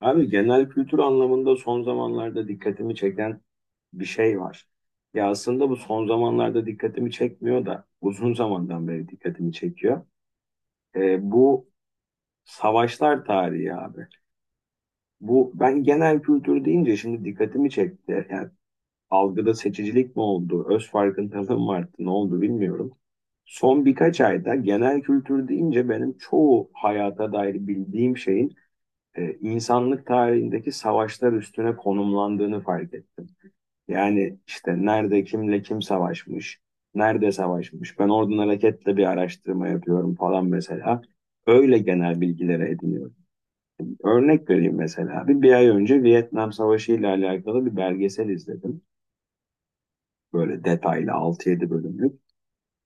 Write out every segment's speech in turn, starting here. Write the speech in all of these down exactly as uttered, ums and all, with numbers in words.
Abi genel kültür anlamında son zamanlarda dikkatimi çeken bir şey var. Ya aslında bu son zamanlarda dikkatimi çekmiyor da uzun zamandan beri dikkatimi çekiyor. Ee, bu savaşlar tarihi abi. Bu ben genel kültür deyince şimdi dikkatimi çekti. Yani algıda seçicilik mi oldu, öz farkındalığım mı arttı, ne oldu bilmiyorum. Son birkaç ayda genel kültür deyince benim çoğu hayata dair bildiğim şeyin e, insanlık tarihindeki savaşlar üstüne konumlandığını fark ettim. Yani işte nerede kimle kim savaşmış, nerede savaşmış. Ben oradan hareketle bir araştırma yapıyorum falan mesela. Öyle genel bilgilere ediniyorum. Örnek vereyim mesela. Bir, bir ay önce Vietnam Savaşı ile alakalı bir belgesel izledim. Böyle detaylı altı yedi bölümlük.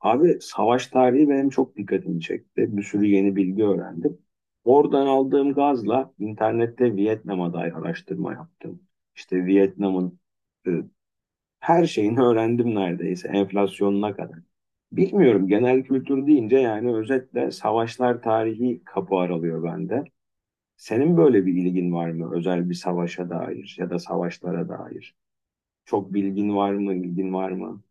Abi savaş tarihi benim çok dikkatimi çekti. Bir sürü yeni bilgi öğrendim. Oradan aldığım gazla internette Vietnam'a dair araştırma yaptım. İşte Vietnam'ın e, her şeyini öğrendim neredeyse enflasyonuna kadar. Bilmiyorum genel kültür deyince yani özetle savaşlar tarihi kapı aralıyor bende. Senin böyle bir ilgin var mı özel bir savaşa dair ya da savaşlara dair? Çok bilgin var mı, ilgin var mı?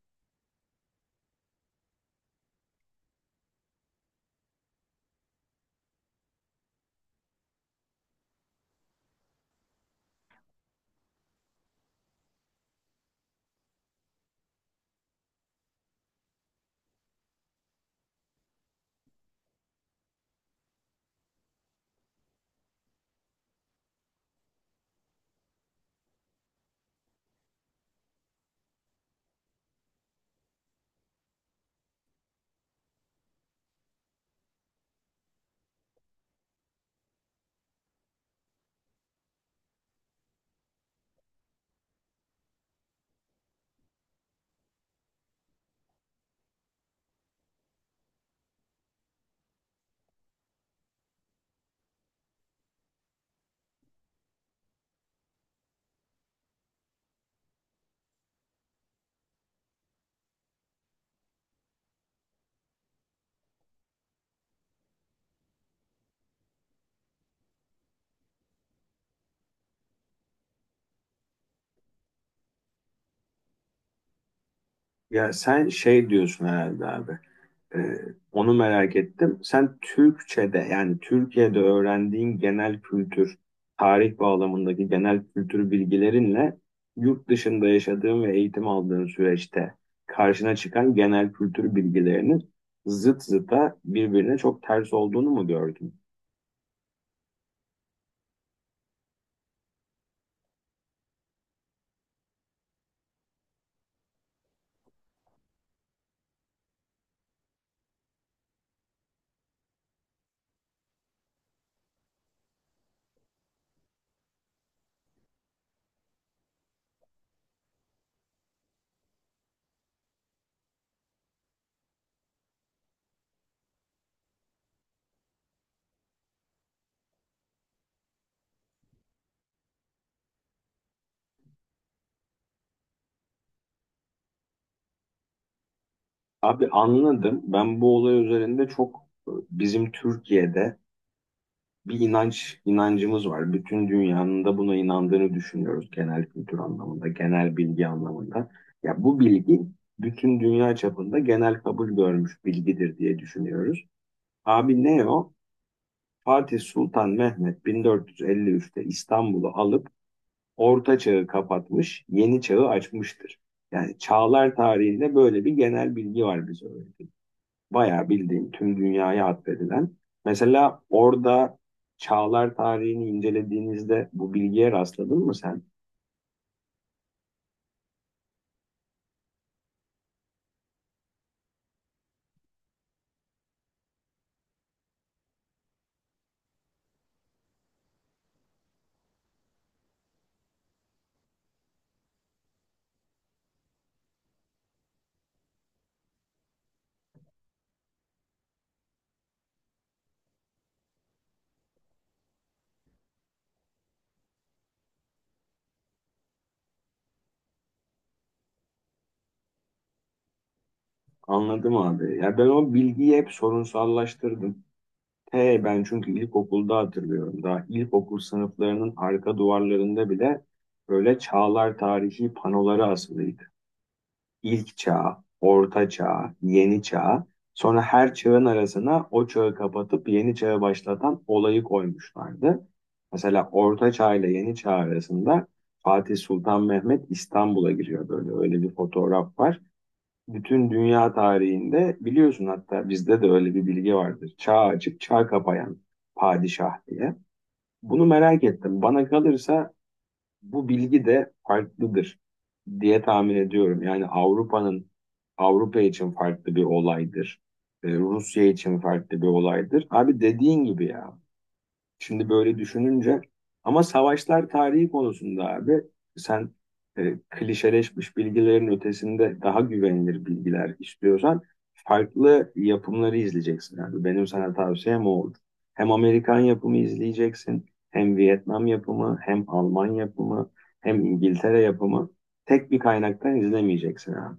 Ya sen şey diyorsun herhalde abi. Ee, onu merak ettim. Sen Türkçe'de yani Türkiye'de öğrendiğin genel kültür, tarih bağlamındaki genel kültür bilgilerinle yurt dışında yaşadığın ve eğitim aldığın süreçte karşına çıkan genel kültür bilgilerinin zıt zıta birbirine çok ters olduğunu mu gördün? Abi anladım. Ben bu olay üzerinde çok e, bizim Türkiye'de bir inanç, inancımız var. Bütün dünyanın da buna inandığını düşünüyoruz genel kültür anlamında, genel bilgi anlamında. Ya bu bilgi bütün dünya çapında genel kabul görmüş bilgidir diye düşünüyoruz. Abi ne o? Fatih Sultan Mehmet bin dört yüz elli üçte İstanbul'u alıp Orta Çağ'ı kapatmış, Yeni Çağ'ı açmıştır. Yani çağlar tarihinde böyle bir genel bilgi var bize öğretilen. Bayağı bildiğin tüm dünyaya atfedilen. Mesela orada çağlar tarihini incelediğinizde bu bilgiye rastladın mı sen? Anladım abi. Ya ben o bilgiyi hep sorunsallaştırdım. T ben çünkü ilkokulda hatırlıyorum. Daha ilkokul sınıflarının arka duvarlarında bile böyle çağlar tarihi panoları asılı. İlk çağ, orta çağ, yeni çağ. Sonra her çağın arasına o çağı kapatıp yeni çağı başlatan olayı koymuşlardı. Mesela orta çağ ile yeni çağ arasında Fatih Sultan Mehmet İstanbul'a giriyor böyle. Öyle bir fotoğraf var. Bütün dünya tarihinde biliyorsun hatta bizde de öyle bir bilgi vardır. Çağ açık, çağ kapayan padişah diye. Bunu merak ettim. Bana kalırsa bu bilgi de farklıdır diye tahmin ediyorum. Yani Avrupa'nın Avrupa için farklı bir olaydır. E, Rusya için farklı bir olaydır. Abi dediğin gibi ya. Şimdi böyle düşününce ama savaşlar tarihi konusunda abi sen e, klişeleşmiş bilgilerin ötesinde daha güvenilir bilgiler istiyorsan farklı yapımları izleyeceksin abi. Benim sana tavsiyem o oldu. Hem Amerikan yapımı izleyeceksin, hem Vietnam yapımı, hem Alman yapımı, hem İngiltere yapımı. Tek bir kaynaktan izlemeyeceksin abi.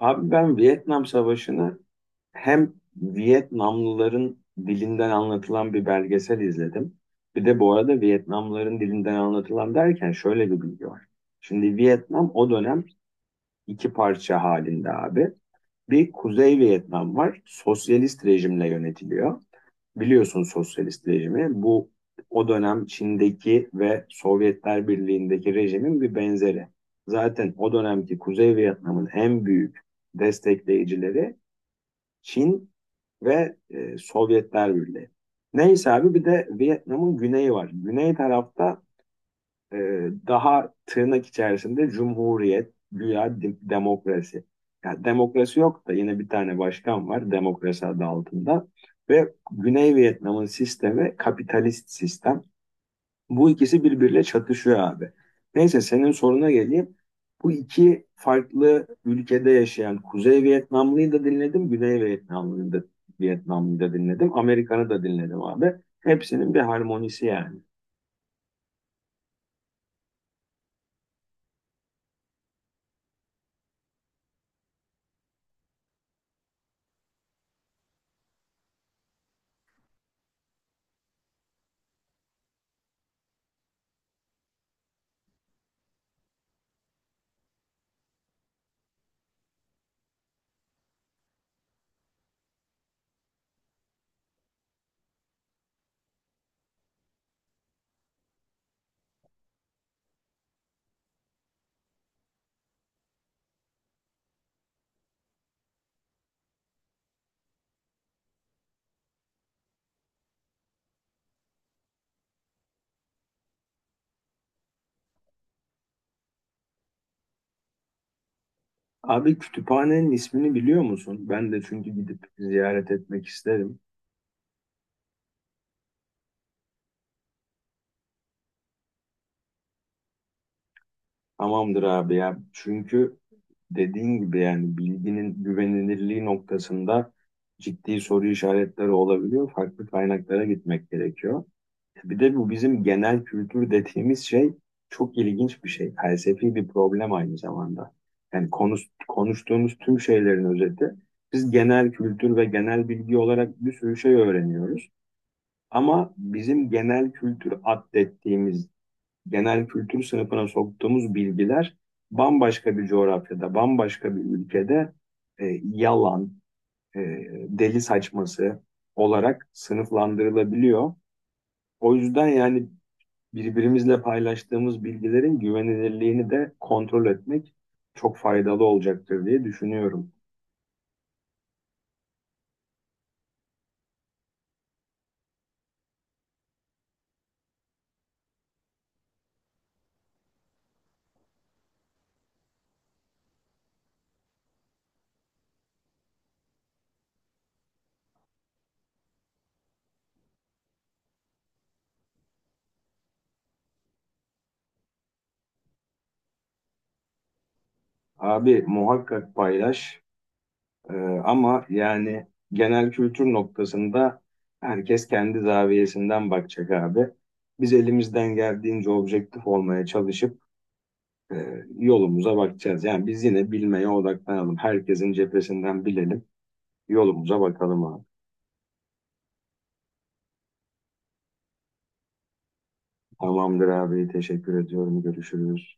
Abi ben Vietnam Savaşı'nı hem Vietnamlıların dilinden anlatılan bir belgesel izledim. Bir de bu arada Vietnamlıların dilinden anlatılan derken şöyle bir bilgi var. Şimdi Vietnam o dönem iki parça halinde abi. Bir Kuzey Vietnam var. Sosyalist rejimle yönetiliyor. Biliyorsun sosyalist rejimi. Bu o dönem Çin'deki ve Sovyetler Birliği'ndeki rejimin bir benzeri. Zaten o dönemki Kuzey Vietnam'ın en büyük destekleyicileri Çin ve e, Sovyetler Birliği. Neyse abi bir de Vietnam'ın güneyi var. Güney tarafta e, daha tırnak içerisinde cumhuriyet, güya de- demokrasi. Yani demokrasi yok da yine bir tane başkan var demokrasi adı altında. Ve Güney Vietnam'ın sistemi kapitalist sistem. Bu ikisi birbiriyle çatışıyor abi. Neyse senin soruna geleyim. Bu iki farklı ülkede yaşayan Kuzey Vietnamlıyı da dinledim, Güney Vietnamlıyı da, Vietnamlıyı da dinledim, Amerikan'ı da dinledim abi. Hepsinin bir harmonisi yani. Abi kütüphanenin ismini biliyor musun? Ben de çünkü gidip ziyaret etmek isterim. Tamamdır abi ya. Çünkü dediğin gibi yani bilginin güvenilirliği noktasında ciddi soru işaretleri olabiliyor. Farklı kaynaklara gitmek gerekiyor. Bir de bu bizim genel kültür dediğimiz şey çok ilginç bir şey. Felsefi bir problem aynı zamanda. Yani konuş, konuştuğumuz tüm şeylerin özeti. Biz genel kültür ve genel bilgi olarak bir sürü şey öğreniyoruz. Ama bizim genel kültür addettiğimiz, genel kültür sınıfına soktuğumuz bilgiler bambaşka bir coğrafyada, bambaşka bir ülkede e, yalan, e, deli saçması olarak sınıflandırılabiliyor. O yüzden yani birbirimizle paylaştığımız bilgilerin güvenilirliğini de kontrol etmek çok faydalı olacaktır diye düşünüyorum. Abi muhakkak paylaş. Ee, ama yani genel kültür noktasında herkes kendi zaviyesinden bakacak abi. Biz elimizden geldiğince objektif olmaya çalışıp e, yolumuza bakacağız. Yani biz yine bilmeye odaklanalım. Herkesin cephesinden bilelim. Yolumuza bakalım abi. Tamamdır abi. Teşekkür ediyorum. Görüşürüz.